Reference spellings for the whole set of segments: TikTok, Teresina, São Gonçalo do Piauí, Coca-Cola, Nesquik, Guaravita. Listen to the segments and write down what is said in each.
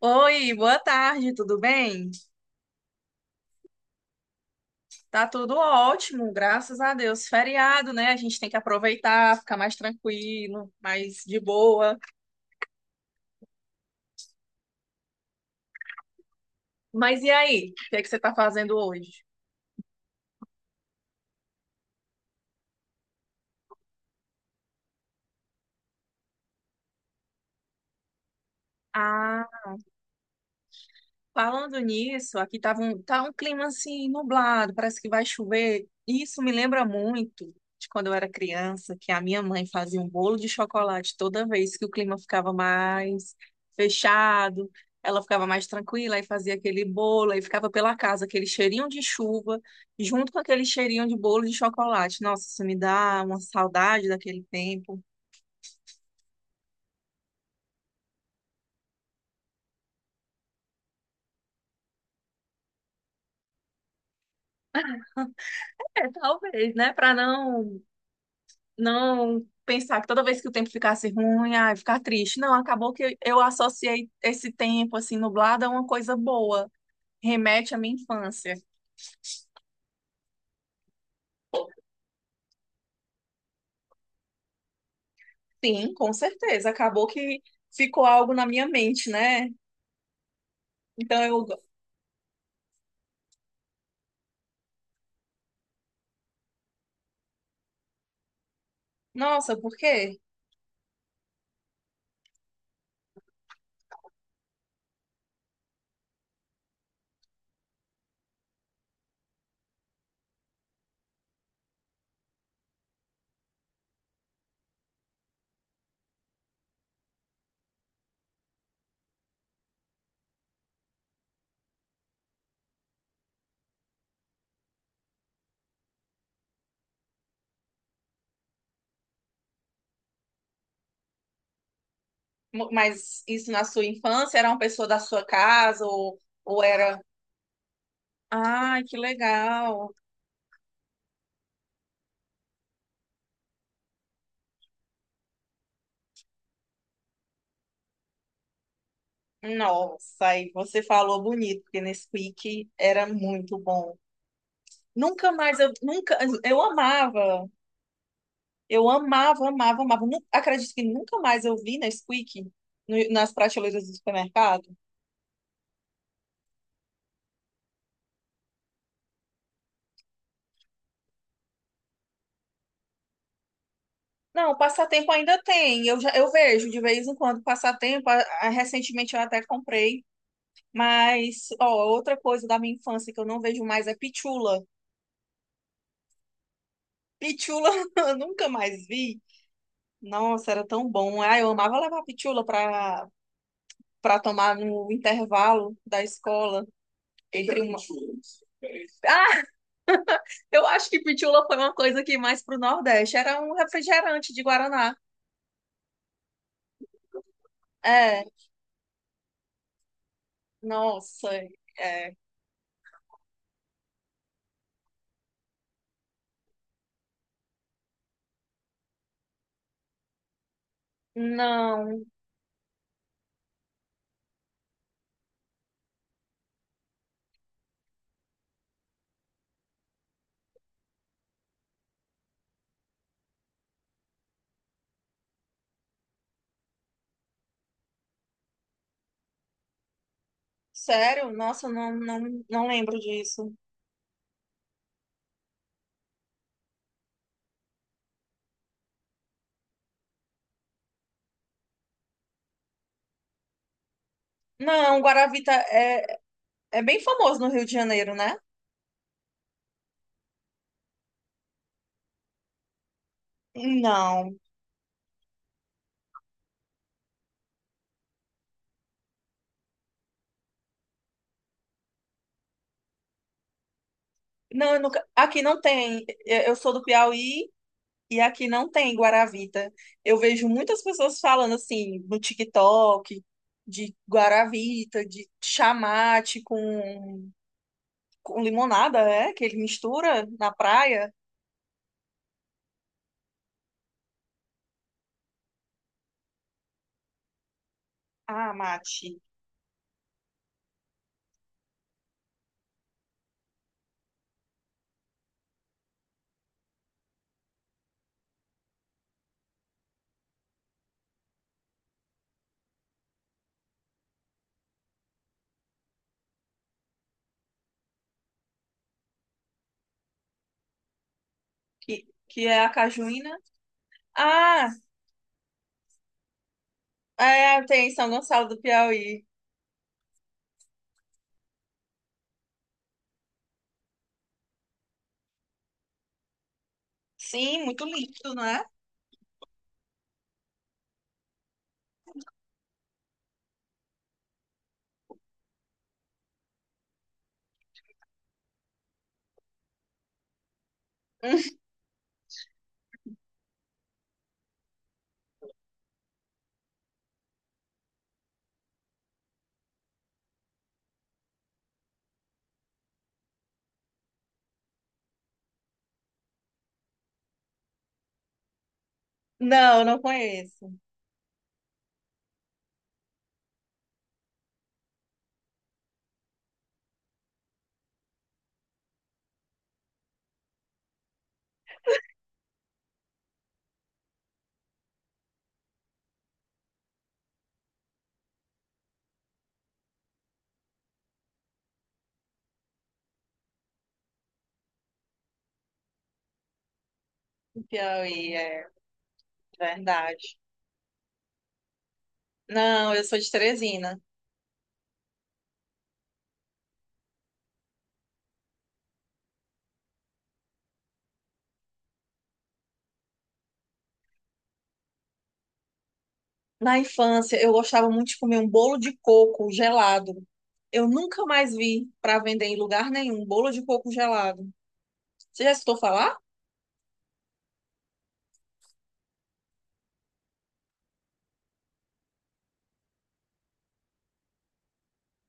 Oi, boa tarde, tudo bem? Tá tudo ótimo, graças a Deus. Feriado, né? A gente tem que aproveitar, ficar mais tranquilo, mais de boa. Mas e aí? O que é que você tá fazendo hoje? Falando nisso, aqui tava um, tá um clima assim nublado, parece que vai chover. Isso me lembra muito de quando eu era criança, que a minha mãe fazia um bolo de chocolate toda vez que o clima ficava mais fechado, ela ficava mais tranquila e fazia aquele bolo, aí ficava pela casa aquele cheirinho de chuva, junto com aquele cheirinho de bolo de chocolate. Nossa, isso me dá uma saudade daquele tempo. É, talvez, né? Para não pensar que toda vez que o tempo ficasse ruim, ai, ficar triste. Não, acabou que eu associei esse tempo assim nublado a uma coisa boa, remete à minha infância. Sim, com certeza, acabou que ficou algo na minha mente, né? Então eu, nossa, por quê? Mas isso na sua infância era uma pessoa da sua casa ou, era, ai, que legal. Nossa, aí você falou bonito, porque Nesquik era muito bom. Nunca mais eu nunca eu amava. Eu amava, amava, amava. Acredito que nunca mais eu vi Nesquik no, nas prateleiras do supermercado. Não, passatempo ainda tem. Eu, já, eu vejo de vez em quando passatempo. Recentemente eu até comprei. Mas, ó, outra coisa da minha infância que eu não vejo mais é pitula. Pitula eu nunca mais vi. Nossa, era tão bom. Ah, eu amava levar pitula para tomar no intervalo da escola. Entre uma... Eu acho que pitula foi uma coisa que mais pro Nordeste. Era um refrigerante de Guaraná. É, nossa, é. Não, sério? Nossa, não lembro disso. Não, Guaravita é, é bem famoso no Rio de Janeiro, né? Não, não, eu nunca... aqui não tem. Eu sou do Piauí e aqui não tem Guaravita. Eu vejo muitas pessoas falando assim no TikTok de Guaravita, de chamate com limonada, é? Que ele mistura na praia. Ah, mate. Que é a cajuína. Ah, é, tem em São Gonçalo do Piauí. Sim, muito lindo, né? Não, não conheço. O Piauí, é verdade. Não, eu sou de Teresina. Na infância, eu gostava muito de comer um bolo de coco gelado. Eu nunca mais vi para vender em lugar nenhum bolo de coco gelado. Você já escutou falar?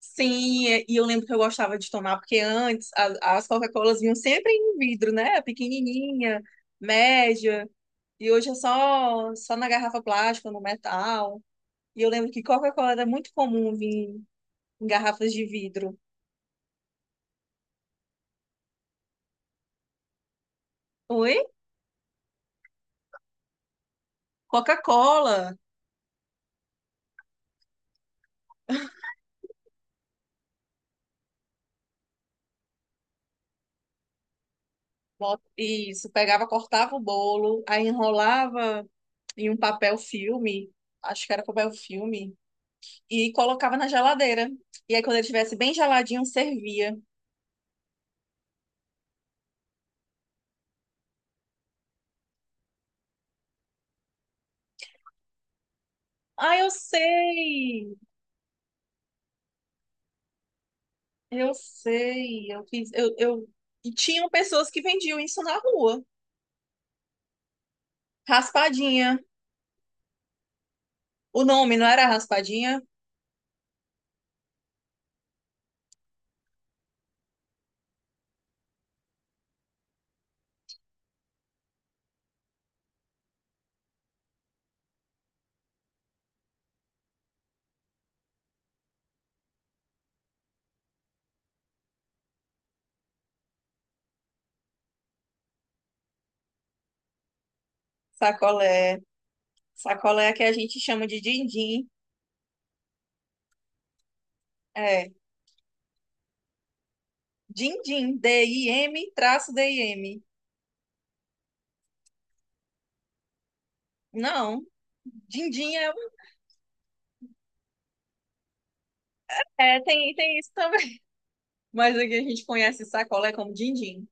Sim, e eu lembro que eu gostava de tomar, porque antes as Coca-Colas vinham sempre em vidro, né? Pequenininha, média, e hoje é só, só na garrafa plástica, no metal. E eu lembro que Coca-Cola era muito comum vir em garrafas de vidro. Oi? Coca-Cola. Isso, pegava, cortava o bolo, aí enrolava em um papel filme, acho que era papel filme, e colocava na geladeira. E aí, quando ele estivesse bem geladinho, servia. Ah, eu sei! Eu sei, eu fiz, E tinham pessoas que vendiam isso na rua. Raspadinha. O nome não era raspadinha? Sacolé. Sacolé é que a gente chama de din-din. É, din-din, DIM, traço DIM. Não, din-din é... É, tem, tem isso também. Mas aqui a gente conhece sacolé como din-din.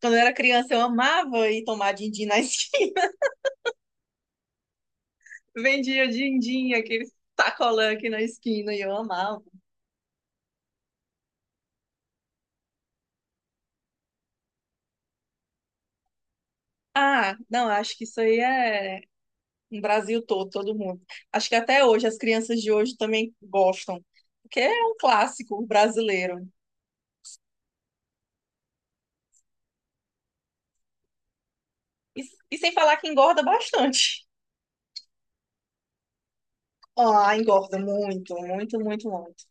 Quando eu era criança, eu amava ir tomar din-din na esquina. Vendia din-din, aquele sacolé aqui na esquina, e eu amava. Ah, não, acho que isso aí é no Brasil todo, todo mundo. Acho que até hoje as crianças de hoje também gostam, porque é um clássico brasileiro. E, e sem falar que engorda bastante. Ah, engorda muito, muito, muito, muito.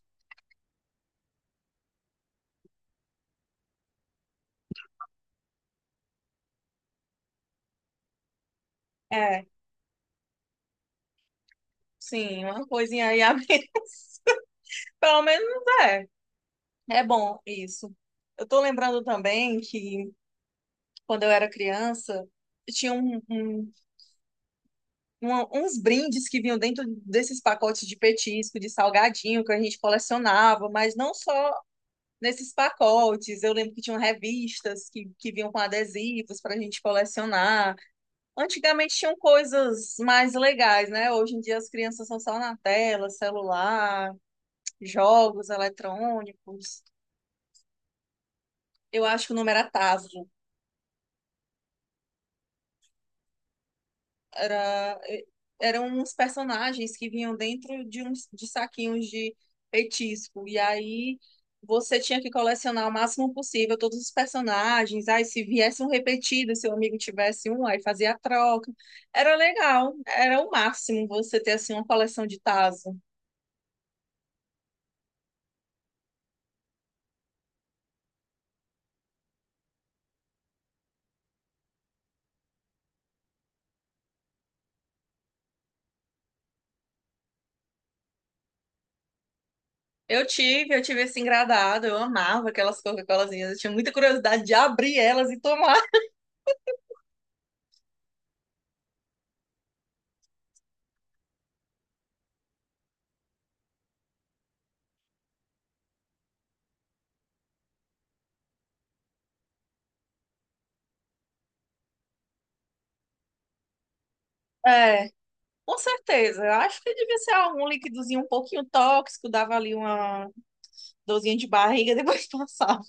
É, sim, uma coisinha aí a menos. Pelo menos é. É bom isso. Eu tô lembrando também que quando eu era criança, tinha uns brindes que vinham dentro desses pacotes de petisco, de salgadinho que a gente colecionava, mas não só nesses pacotes. Eu lembro que tinham revistas que vinham com adesivos para a gente colecionar. Antigamente tinham coisas mais legais, né? Hoje em dia as crianças são só na tela, celular, jogos eletrônicos. Eu acho que o número era tazo. Era, eram uns personagens que vinham dentro de uns de saquinhos de petisco. E aí você tinha que colecionar o máximo possível todos os personagens. Aí se viesse um repetido, se o amigo tivesse um, aí fazia a troca. Era legal, era o máximo você ter assim uma coleção de tazo. Eu tive esse engradado, eu amava aquelas Coca-Colazinhas, eu tinha muita curiosidade de abrir elas e tomar. É. Com certeza. Eu acho que devia ser algum líquidozinho um pouquinho tóxico, dava ali uma dorzinha de barriga, depois passava.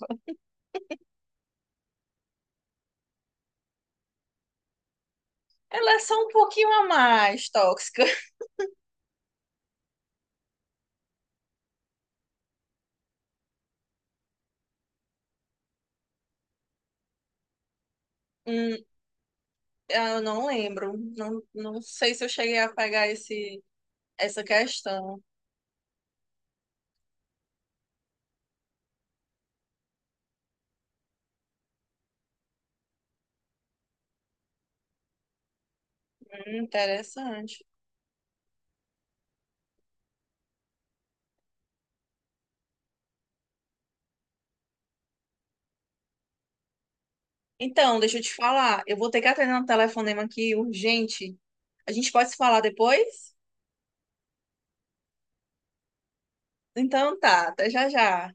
Ela é só um pouquinho a mais tóxica. Hum, eu não lembro. Não, não sei se eu cheguei a pegar essa questão. Interessante. Então, deixa eu te falar. Eu vou ter que atender um telefonema aqui urgente. A gente pode se falar depois? Então tá, até já já.